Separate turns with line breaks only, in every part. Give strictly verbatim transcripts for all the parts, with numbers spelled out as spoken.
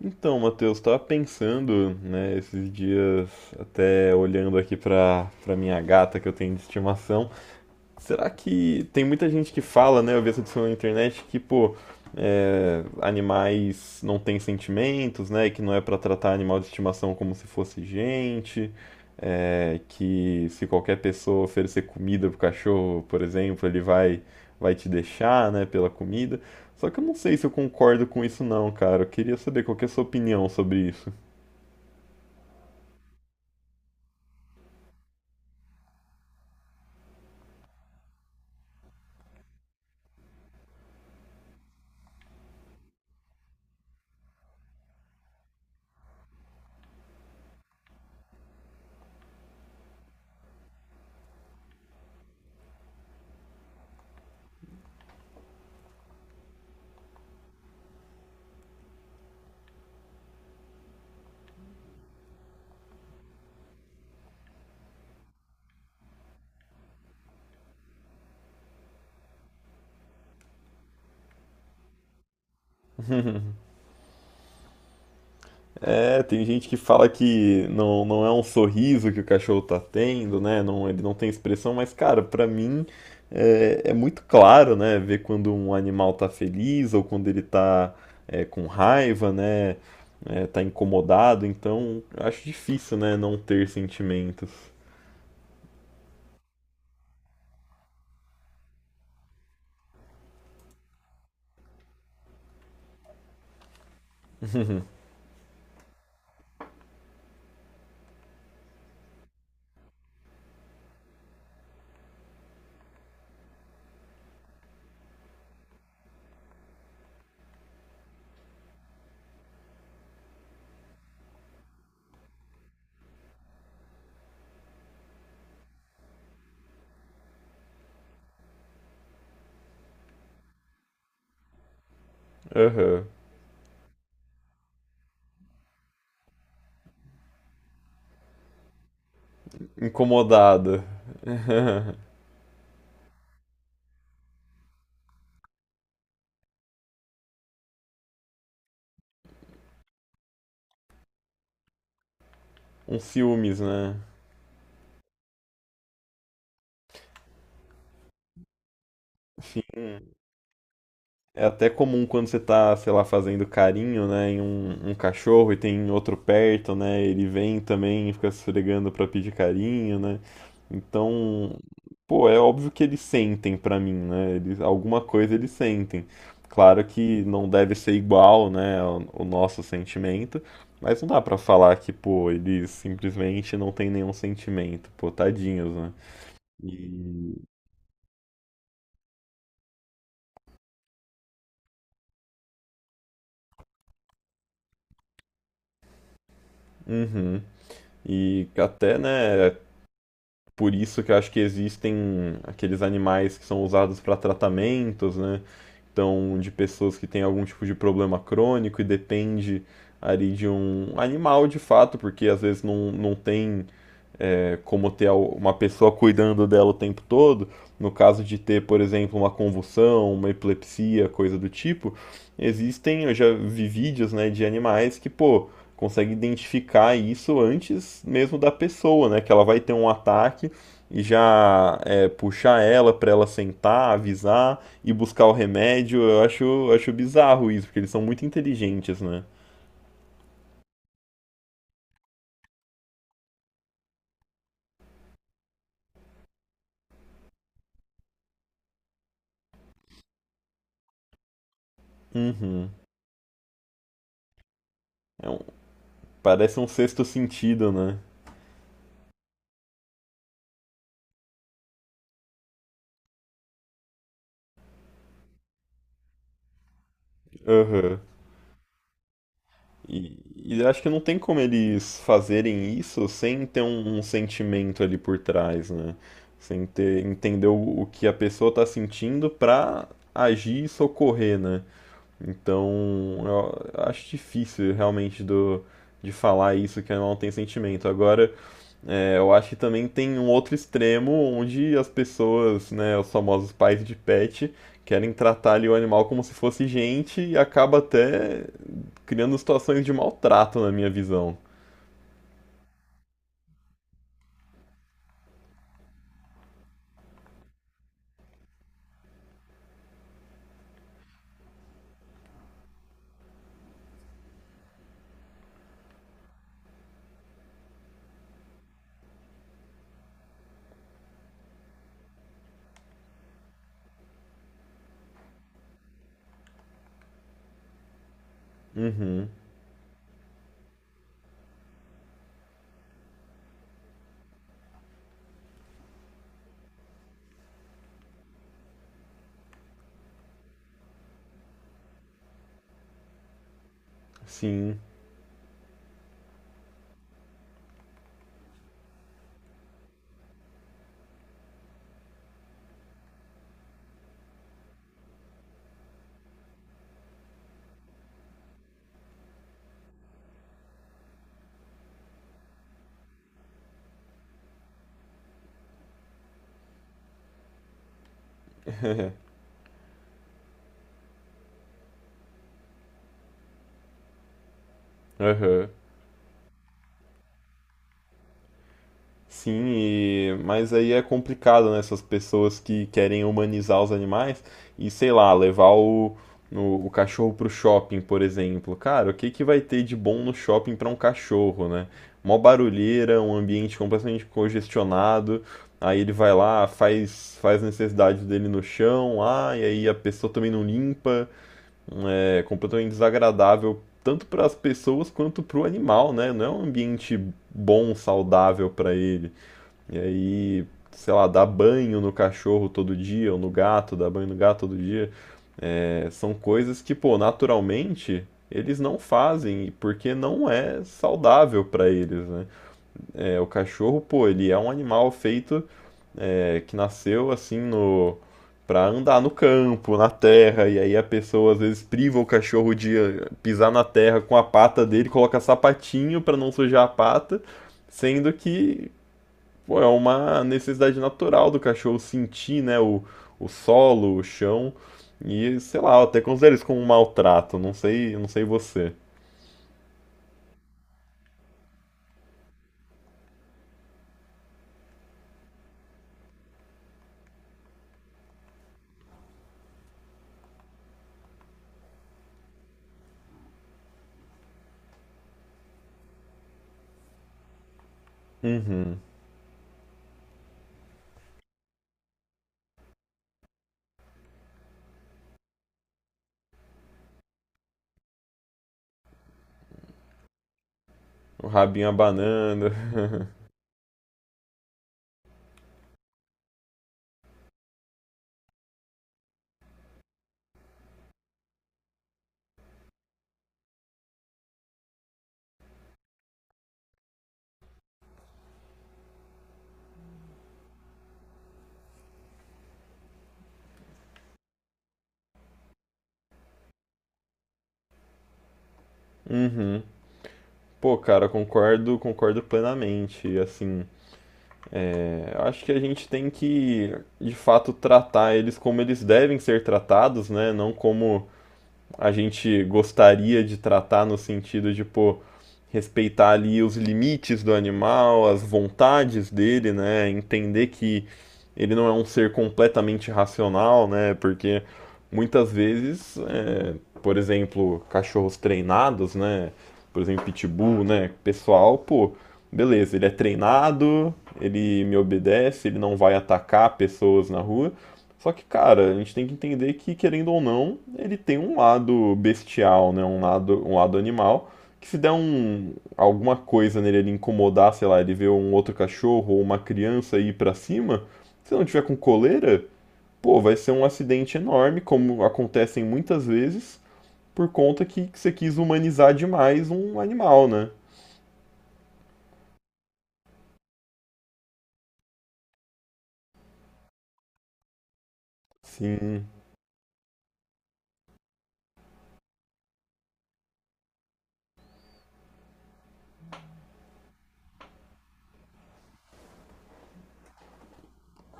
Então, Matheus, estava pensando, né, esses dias, até olhando aqui para para minha gata que eu tenho de estimação. Será que tem muita gente que fala, né? Eu vi essa discussão na internet que, pô, é, animais não têm sentimentos, né? Que não é pra tratar animal de estimação como se fosse gente, é, que se qualquer pessoa oferecer comida pro cachorro, por exemplo, ele vai vai te deixar, né? Pela comida. Só que eu não sei se eu concordo com isso não, cara. Eu queria saber qual que é a sua opinião sobre isso. É, tem gente que fala que não, não é um sorriso que o cachorro tá tendo, né? Não, ele não tem expressão, mas, cara, pra mim é, é muito claro, né? Ver quando um animal tá feliz ou quando ele tá é, com raiva, né? É, tá incomodado, então acho difícil, né? Não ter sentimentos. Aham. Incomodada. Aham. Um ciúmes, né? Sim. É até comum quando você tá, sei lá, fazendo carinho, né, em um, um cachorro e tem outro perto, né, ele vem também e fica se esfregando pra pedir carinho, né? Então, pô, é óbvio que eles sentem pra mim, né? Eles, alguma coisa eles sentem. Claro que não deve ser igual, né, o, o nosso sentimento, mas não dá pra falar que, pô, eles simplesmente não têm nenhum sentimento, pô, tadinhos, né? E, uhum. E até, né, por isso que eu acho que existem aqueles animais que são usados para tratamentos, né? Então, de pessoas que têm algum tipo de problema crônico e depende ali de um animal de fato, porque às vezes não, não tem é, como ter uma pessoa cuidando dela o tempo todo, no caso de ter, por exemplo, uma convulsão, uma epilepsia, coisa do tipo, existem, eu já vi vídeos, né, de animais que, pô, conseguem identificar isso antes mesmo da pessoa, né, que ela vai ter um ataque e já é, puxar ela para ela sentar, avisar e buscar o remédio. Eu acho, acho bizarro isso, porque eles são muito inteligentes, né? Uhum. É um- Parece um sexto sentido, né? Aham. E, e acho que não tem como eles fazerem isso sem ter um, um sentimento ali por trás, né? Sem ter, entender o, o que a pessoa tá sentindo pra agir e socorrer, né? Então, eu acho difícil realmente do, de falar isso que não tem sentimento. Agora, é, eu acho que também tem um outro extremo onde as pessoas, né, os famosos pais de pet, querem tratar ali o animal como se fosse gente e acaba até criando situações de maltrato, na minha visão. Uhum, sim, aham. Sim, e- mas aí é complicado, né? Essas pessoas que querem humanizar os animais e, sei lá, levar o, o, o cachorro pro shopping, por exemplo. Cara, o que que vai ter de bom no shopping pra um cachorro, né? Mó barulheira, um ambiente completamente congestionado. Aí ele vai lá, faz, faz a necessidade dele no chão, lá, e aí a pessoa também não limpa. É completamente desagradável, tanto para as pessoas quanto para o animal, né? Não é um ambiente bom, saudável para ele. E aí, sei lá, dar banho no cachorro todo dia, ou no gato, dar banho no gato todo dia, é, são coisas que, pô, naturalmente eles não fazem porque não é saudável para eles, né? É, o cachorro, pô, ele é um animal feito é, que nasceu assim no para andar no campo, na terra, e aí a pessoa às vezes priva o cachorro de eh, pisar na terra com a pata dele, coloca sapatinho para não sujar a pata, sendo que pô, é uma necessidade natural do cachorro sentir, né, o, o solo, o chão. E, sei lá, eu até considero isso como um maltrato. Não sei, não sei você. Uhum. O rabinho abanando. Uhum. Pô, cara, concordo, concordo plenamente. Assim, é, eu acho que a gente tem que, de fato, tratar eles como eles devem ser tratados, né? Não como a gente gostaria de tratar no sentido de, pô, respeitar ali os limites do animal, as vontades dele, né? Entender que ele não é um ser completamente racional, né? Porque muitas vezes, é, por exemplo, cachorros treinados, né? Por exemplo, pitbull, né? Pessoal, pô, beleza, ele é treinado, ele me obedece, ele não vai atacar pessoas na rua. Só que, cara, a gente tem que entender que, querendo ou não, ele tem um lado bestial, né? Um lado, um lado animal. Que se der um, alguma coisa nele, ele incomodar, sei lá, ele ver um outro cachorro ou uma criança ir pra cima, se não tiver com coleira, pô, vai ser um acidente enorme, como acontecem muitas vezes, por conta que você quis humanizar demais um animal, né? Sim.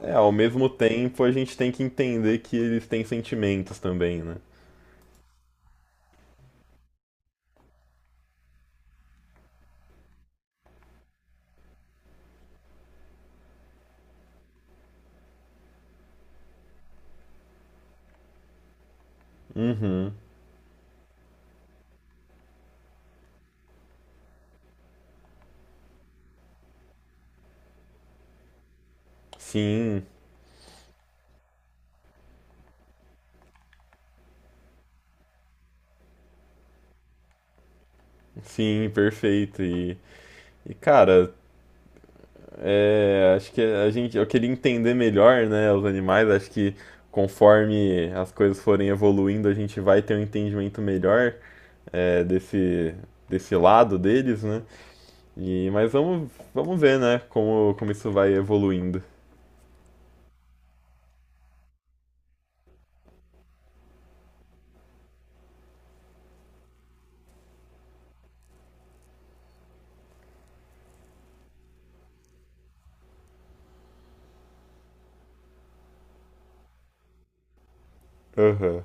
É, ao mesmo tempo a gente tem que entender que eles têm sentimentos também, né? Uhum. Sim. Sim, perfeito. E, e cara, é, acho que a gente, eu queria entender melhor, né, os animais. Acho que conforme as coisas forem evoluindo, a gente vai ter um entendimento melhor é, desse, desse lado deles, né? E, mas vamos, vamos ver, né, como, como isso vai evoluindo. Aham.